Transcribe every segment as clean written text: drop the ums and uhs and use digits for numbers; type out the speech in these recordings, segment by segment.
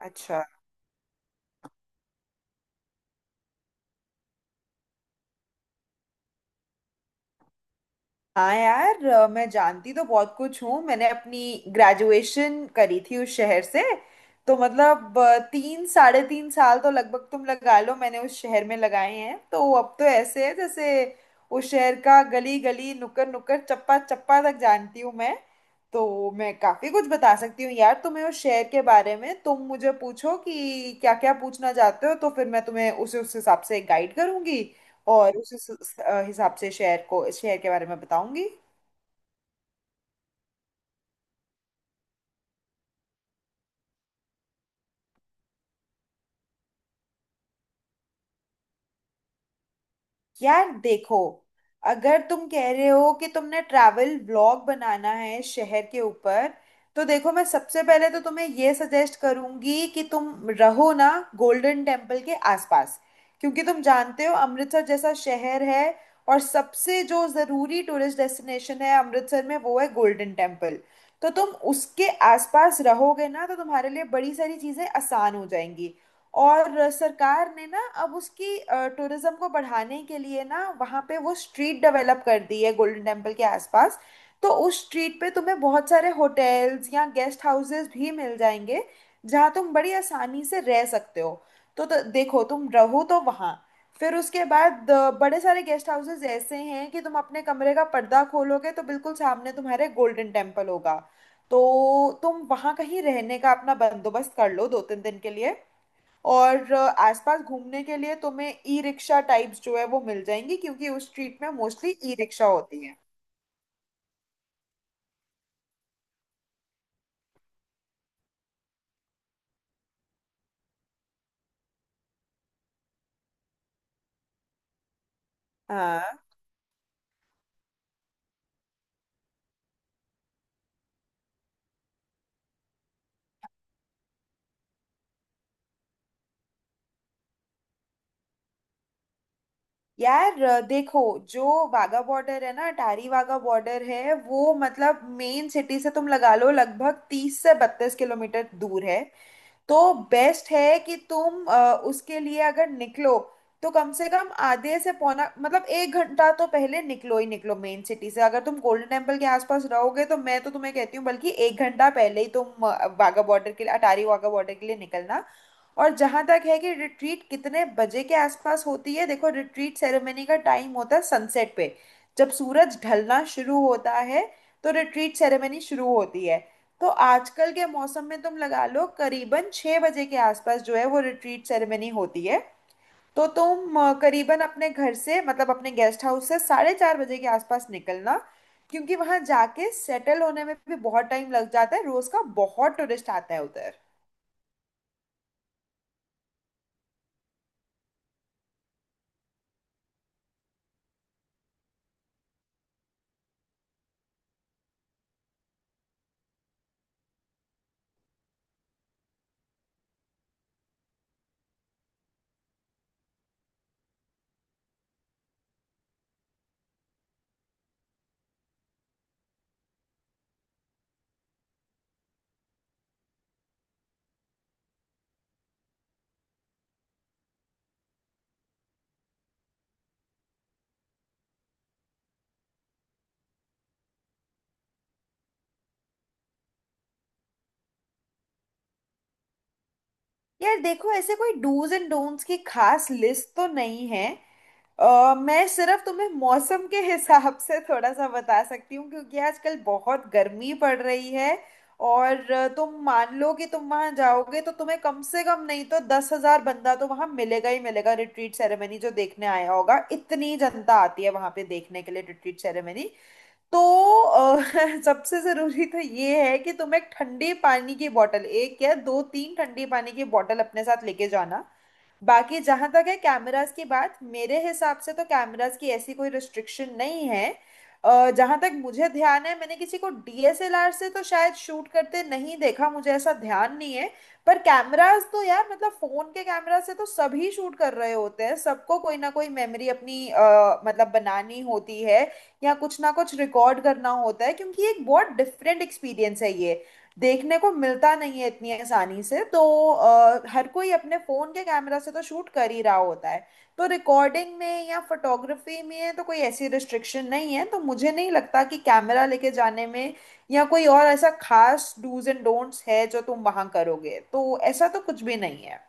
अच्छा। हाँ यार, मैं जानती तो बहुत कुछ हूँ। मैंने अपनी ग्रेजुएशन करी थी उस शहर से, तो मतलब 3 साढ़े 3 साल तो लगभग तुम लगा लो मैंने उस शहर में लगाए हैं। तो अब तो ऐसे है जैसे उस शहर का गली गली नुक्कड़ नुक्कड़ चप्पा चप्पा तक जानती हूँ मैं। तो मैं काफी कुछ बता सकती हूँ यार तुम्हें उस शहर के बारे में। तुम मुझे पूछो कि क्या क्या पूछना चाहते हो, तो फिर मैं तुम्हें उसे उस हिसाब से गाइड करूंगी। और उस हिसाब से शेयर को शेयर के बारे में बताऊंगी। यार देखो, अगर तुम कह रहे हो कि तुमने ट्रैवल व्लॉग बनाना है शहर के ऊपर, तो देखो मैं सबसे पहले तो तुम्हें ये सजेस्ट करूंगी कि तुम रहो ना गोल्डन टेम्पल के आसपास। क्योंकि तुम जानते हो अमृतसर जैसा शहर है, और सबसे जो ज़रूरी टूरिस्ट डेस्टिनेशन है अमृतसर में वो है गोल्डन टेम्पल। तो तुम उसके आसपास रहोगे ना तो तुम्हारे लिए बड़ी सारी चीज़ें आसान हो जाएंगी। और सरकार ने ना अब उसकी टूरिज्म को बढ़ाने के लिए ना वहाँ पे वो स्ट्रीट डेवलप कर दी है गोल्डन टेम्पल के आसपास। तो उस स्ट्रीट पे तुम्हें बहुत सारे होटल्स या गेस्ट हाउसेस भी मिल जाएंगे जहाँ तुम बड़ी आसानी से रह सकते हो। तो देखो तुम रहो तो वहाँ। फिर उसके बाद बड़े सारे गेस्ट हाउसेस ऐसे हैं कि तुम अपने कमरे का पर्दा खोलोगे तो बिल्कुल सामने तुम्हारे गोल्डन टेम्पल होगा। तो तुम वहाँ कहीं रहने का अपना बंदोबस्त कर लो 2-3 दिन के लिए। और आसपास घूमने के लिए तुम्हें ई रिक्शा टाइप्स जो है वो मिल जाएंगी क्योंकि उस स्ट्रीट में मोस्टली ई रिक्शा होती है। हाँ यार, देखो, जो वाघा बॉर्डर है ना, अटारी वाघा बॉर्डर है वो, मतलब मेन सिटी से तुम लगा लो लगभग 30 से 32 किलोमीटर दूर है। तो बेस्ट है कि तुम उसके लिए अगर निकलो, तो कम से कम आधे से पौना मतलब 1 घंटा तो पहले निकलो ही निकलो मेन सिटी से। अगर तुम गोल्डन टेम्पल के आसपास रहोगे तो मैं तो तुम्हें कहती हूँ बल्कि 1 घंटा पहले ही तुम वाघा बॉर्डर के लिए अटारी वाघा बॉर्डर के लिए निकलना। और जहां तक है कि रिट्रीट कितने बजे के आसपास होती है, देखो रिट्रीट सेरेमनी का टाइम होता है सनसेट पे, जब सूरज ढलना शुरू होता है तो रिट्रीट सेरेमनी शुरू होती है। तो आजकल के मौसम में तुम लगा लो करीबन 6 बजे के आसपास जो है वो रिट्रीट सेरेमनी होती है। तो तुम करीबन अपने घर से मतलब अपने गेस्ट हाउस से 4:30 बजे के आसपास निकलना, क्योंकि वहां जाके सेटल होने में भी बहुत टाइम लग जाता है, रोज का बहुत टूरिस्ट आता है उधर। यार देखो, ऐसे कोई डूज एंड डोंट्स की खास लिस्ट तो नहीं है। मैं सिर्फ तुम्हें मौसम के हिसाब से थोड़ा सा बता सकती हूँ क्योंकि आजकल बहुत गर्मी पड़ रही है। और तुम मान लो कि तुम वहां जाओगे तो तुम्हें कम से कम नहीं तो 10,000 बंदा तो वहां मिलेगा ही मिलेगा, रिट्रीट सेरेमनी जो देखने आया होगा। इतनी जनता आती है वहां पे देखने के लिए रिट्रीट सेरेमनी। तो अ, सबसे जरूरी तो ये है कि तुम एक ठंडे पानी की बोतल, एक या दो तीन ठंडे पानी की बोतल अपने साथ लेके जाना। बाकी जहां तक है कैमरास की बात, मेरे हिसाब से तो कैमरास की ऐसी कोई रिस्ट्रिक्शन नहीं है। जहां तक मुझे ध्यान है, मैंने किसी को डीएसएलआर से तो शायद शूट करते नहीं देखा, मुझे ऐसा ध्यान नहीं है। पर कैमरास तो यार मतलब फोन के कैमरा से तो सभी शूट कर रहे होते हैं, सबको कोई ना कोई मेमोरी अपनी मतलब बनानी होती है या कुछ ना कुछ रिकॉर्ड करना होता है क्योंकि एक बहुत डिफरेंट एक्सपीरियंस है ये, देखने को मिलता नहीं है इतनी आसानी से। तो हर कोई अपने फोन के कैमरा से तो शूट कर ही रहा होता है। तो रिकॉर्डिंग में या फोटोग्राफी में तो कोई ऐसी रिस्ट्रिक्शन नहीं है, तो मुझे नहीं लगता कि कैमरा लेके जाने में या कोई और ऐसा खास डूज एंड डोंट्स है जो तुम वहां करोगे तो ऐसा तो कुछ भी नहीं है।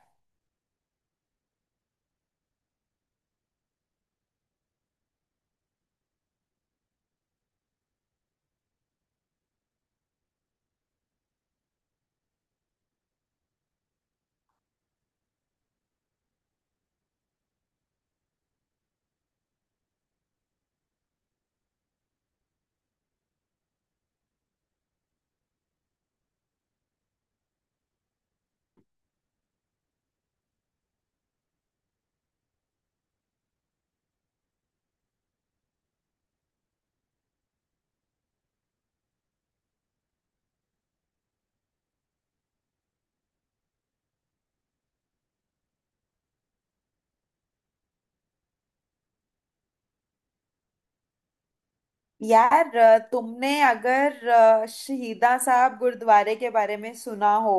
यार, तुमने अगर शहीदा साहब गुरुद्वारे के बारे में सुना हो,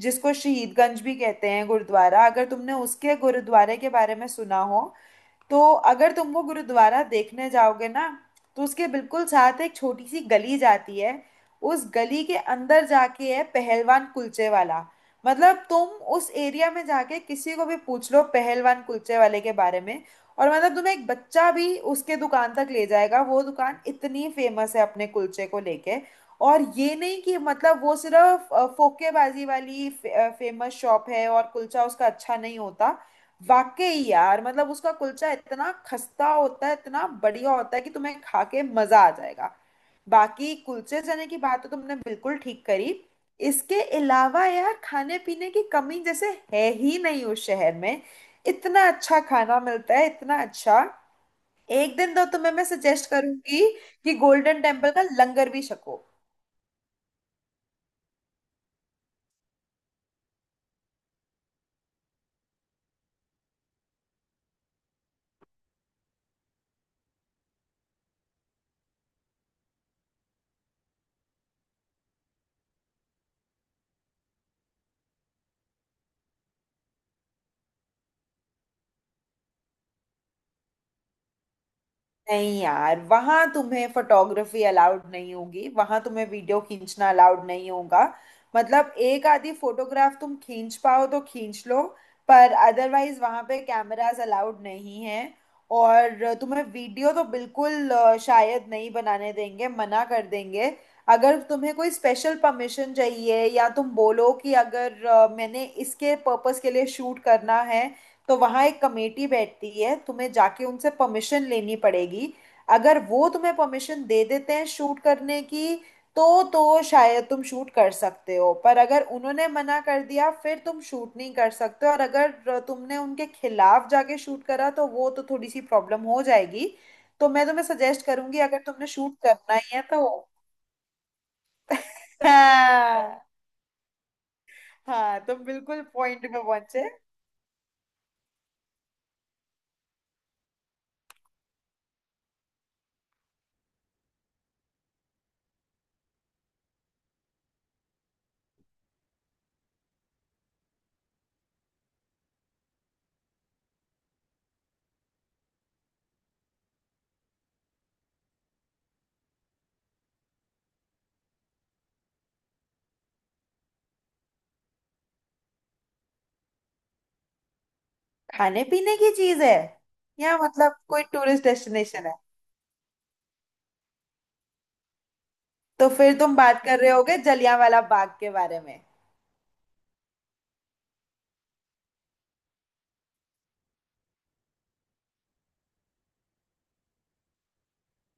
जिसको शहीदगंज भी कहते हैं गुरुद्वारा, अगर तुमने उसके गुरुद्वारे के बारे में सुना हो, तो अगर तुम वो गुरुद्वारा देखने जाओगे ना तो उसके बिल्कुल साथ एक छोटी सी गली जाती है। उस गली के अंदर जाके है पहलवान कुलचे वाला। मतलब तुम उस एरिया में जाके किसी को भी पूछ लो पहलवान कुलचे वाले के बारे में, और मतलब तुम्हें एक बच्चा भी उसके दुकान तक ले जाएगा, वो दुकान इतनी फेमस है अपने कुलचे को लेके। और ये नहीं कि मतलब वो सिर्फ फोकेबाजी वाली फेमस शॉप है और कुलचा उसका अच्छा नहीं होता। वाकई यार मतलब उसका कुलचा इतना खस्ता होता है, इतना बढ़िया होता है कि तुम्हें खा के मजा आ जाएगा। बाकी कुलचे चने की बात तो तुमने बिल्कुल ठीक करी। इसके अलावा यार खाने पीने की कमी जैसे है ही नहीं उस शहर में, इतना अच्छा खाना मिलता है, इतना अच्छा। एक दिन तो तुम्हें मैं सजेस्ट करूंगी कि गोल्डन टेम्पल का लंगर भी छको। नहीं यार, वहां तुम्हें फोटोग्राफी अलाउड नहीं होगी, वहां तुम्हें वीडियो खींचना अलाउड नहीं होगा। मतलब एक आधी फोटोग्राफ तुम खींच पाओ तो खींच लो, पर अदरवाइज वहां पे कैमरास अलाउड नहीं है। और तुम्हें वीडियो तो बिल्कुल शायद नहीं बनाने देंगे, मना कर देंगे। अगर तुम्हें कोई स्पेशल परमिशन चाहिए या तुम बोलो कि अगर मैंने इसके पर्पस के लिए शूट करना है, तो वहां एक कमेटी बैठती है, तुम्हें जाके उनसे परमिशन लेनी पड़ेगी। अगर वो तुम्हें परमिशन दे देते हैं शूट करने की तो शायद तुम शूट कर सकते हो, पर अगर उन्होंने मना कर दिया फिर तुम शूट नहीं कर सकते, और अगर तुमने उनके खिलाफ जाके शूट करा तो वो तो थोड़ी सी प्रॉब्लम हो जाएगी। तो मैं तुम्हें सजेस्ट करूंगी अगर तुमने शूट करना ही है तो। हाँ हाँ, तुम बिल्कुल पॉइंट पे पहुंचे। खाने पीने की चीज है? या मतलब कोई टूरिस्ट डेस्टिनेशन है? तो फिर तुम बात कर रहे होगे जलियांवाला बाग के बारे में।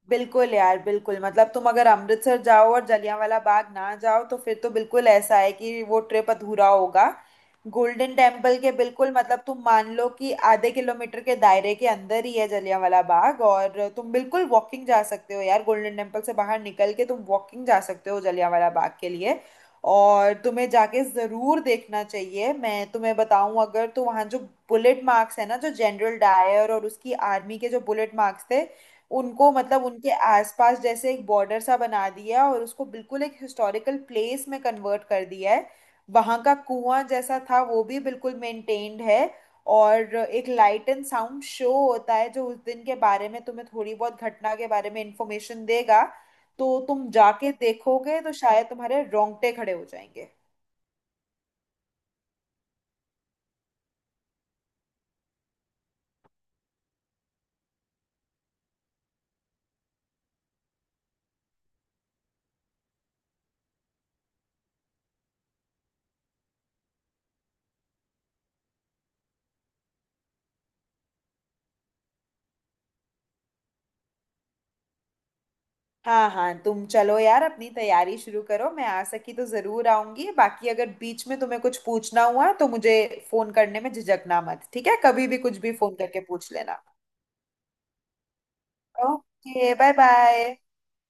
बिल्कुल यार, बिल्कुल, मतलब तुम अगर अमृतसर जाओ और जलियांवाला बाग ना जाओ तो फिर तो बिल्कुल ऐसा है कि वो ट्रिप अधूरा होगा। गोल्डन टेम्पल के बिल्कुल मतलब तुम मान लो कि आधे किलोमीटर के दायरे के अंदर ही है जलियांवाला बाग, और तुम बिल्कुल वॉकिंग जा सकते हो यार, गोल्डन टेम्पल से बाहर निकल के तुम वॉकिंग जा सकते हो जलियांवाला बाग के लिए। और तुम्हें जाके ज़रूर देखना चाहिए। मैं तुम्हें बताऊं, अगर तो वहाँ जो बुलेट मार्क्स है ना, जो जनरल डायर और उसकी आर्मी के जो बुलेट मार्क्स थे, उनको मतलब उनके आसपास जैसे एक बॉर्डर सा बना दिया है और उसको बिल्कुल एक हिस्टोरिकल प्लेस में कन्वर्ट कर दिया है। वहाँ का कुआं जैसा था वो भी बिल्कुल मेंटेन्ड है। और एक लाइट एंड साउंड शो होता है जो उस दिन के बारे में तुम्हें थोड़ी बहुत घटना के बारे में इंफॉर्मेशन देगा। तो तुम जाके देखोगे तो शायद तुम्हारे रोंगटे खड़े हो जाएंगे। हाँ हाँ, तुम चलो यार, अपनी तैयारी शुरू करो। मैं आ सकी तो जरूर आऊंगी, बाकी अगर बीच में तुम्हें कुछ पूछना हुआ तो मुझे फोन करने में झिझकना मत, ठीक है? कभी भी कुछ भी फोन करके पूछ लेना। Okay, bye bye.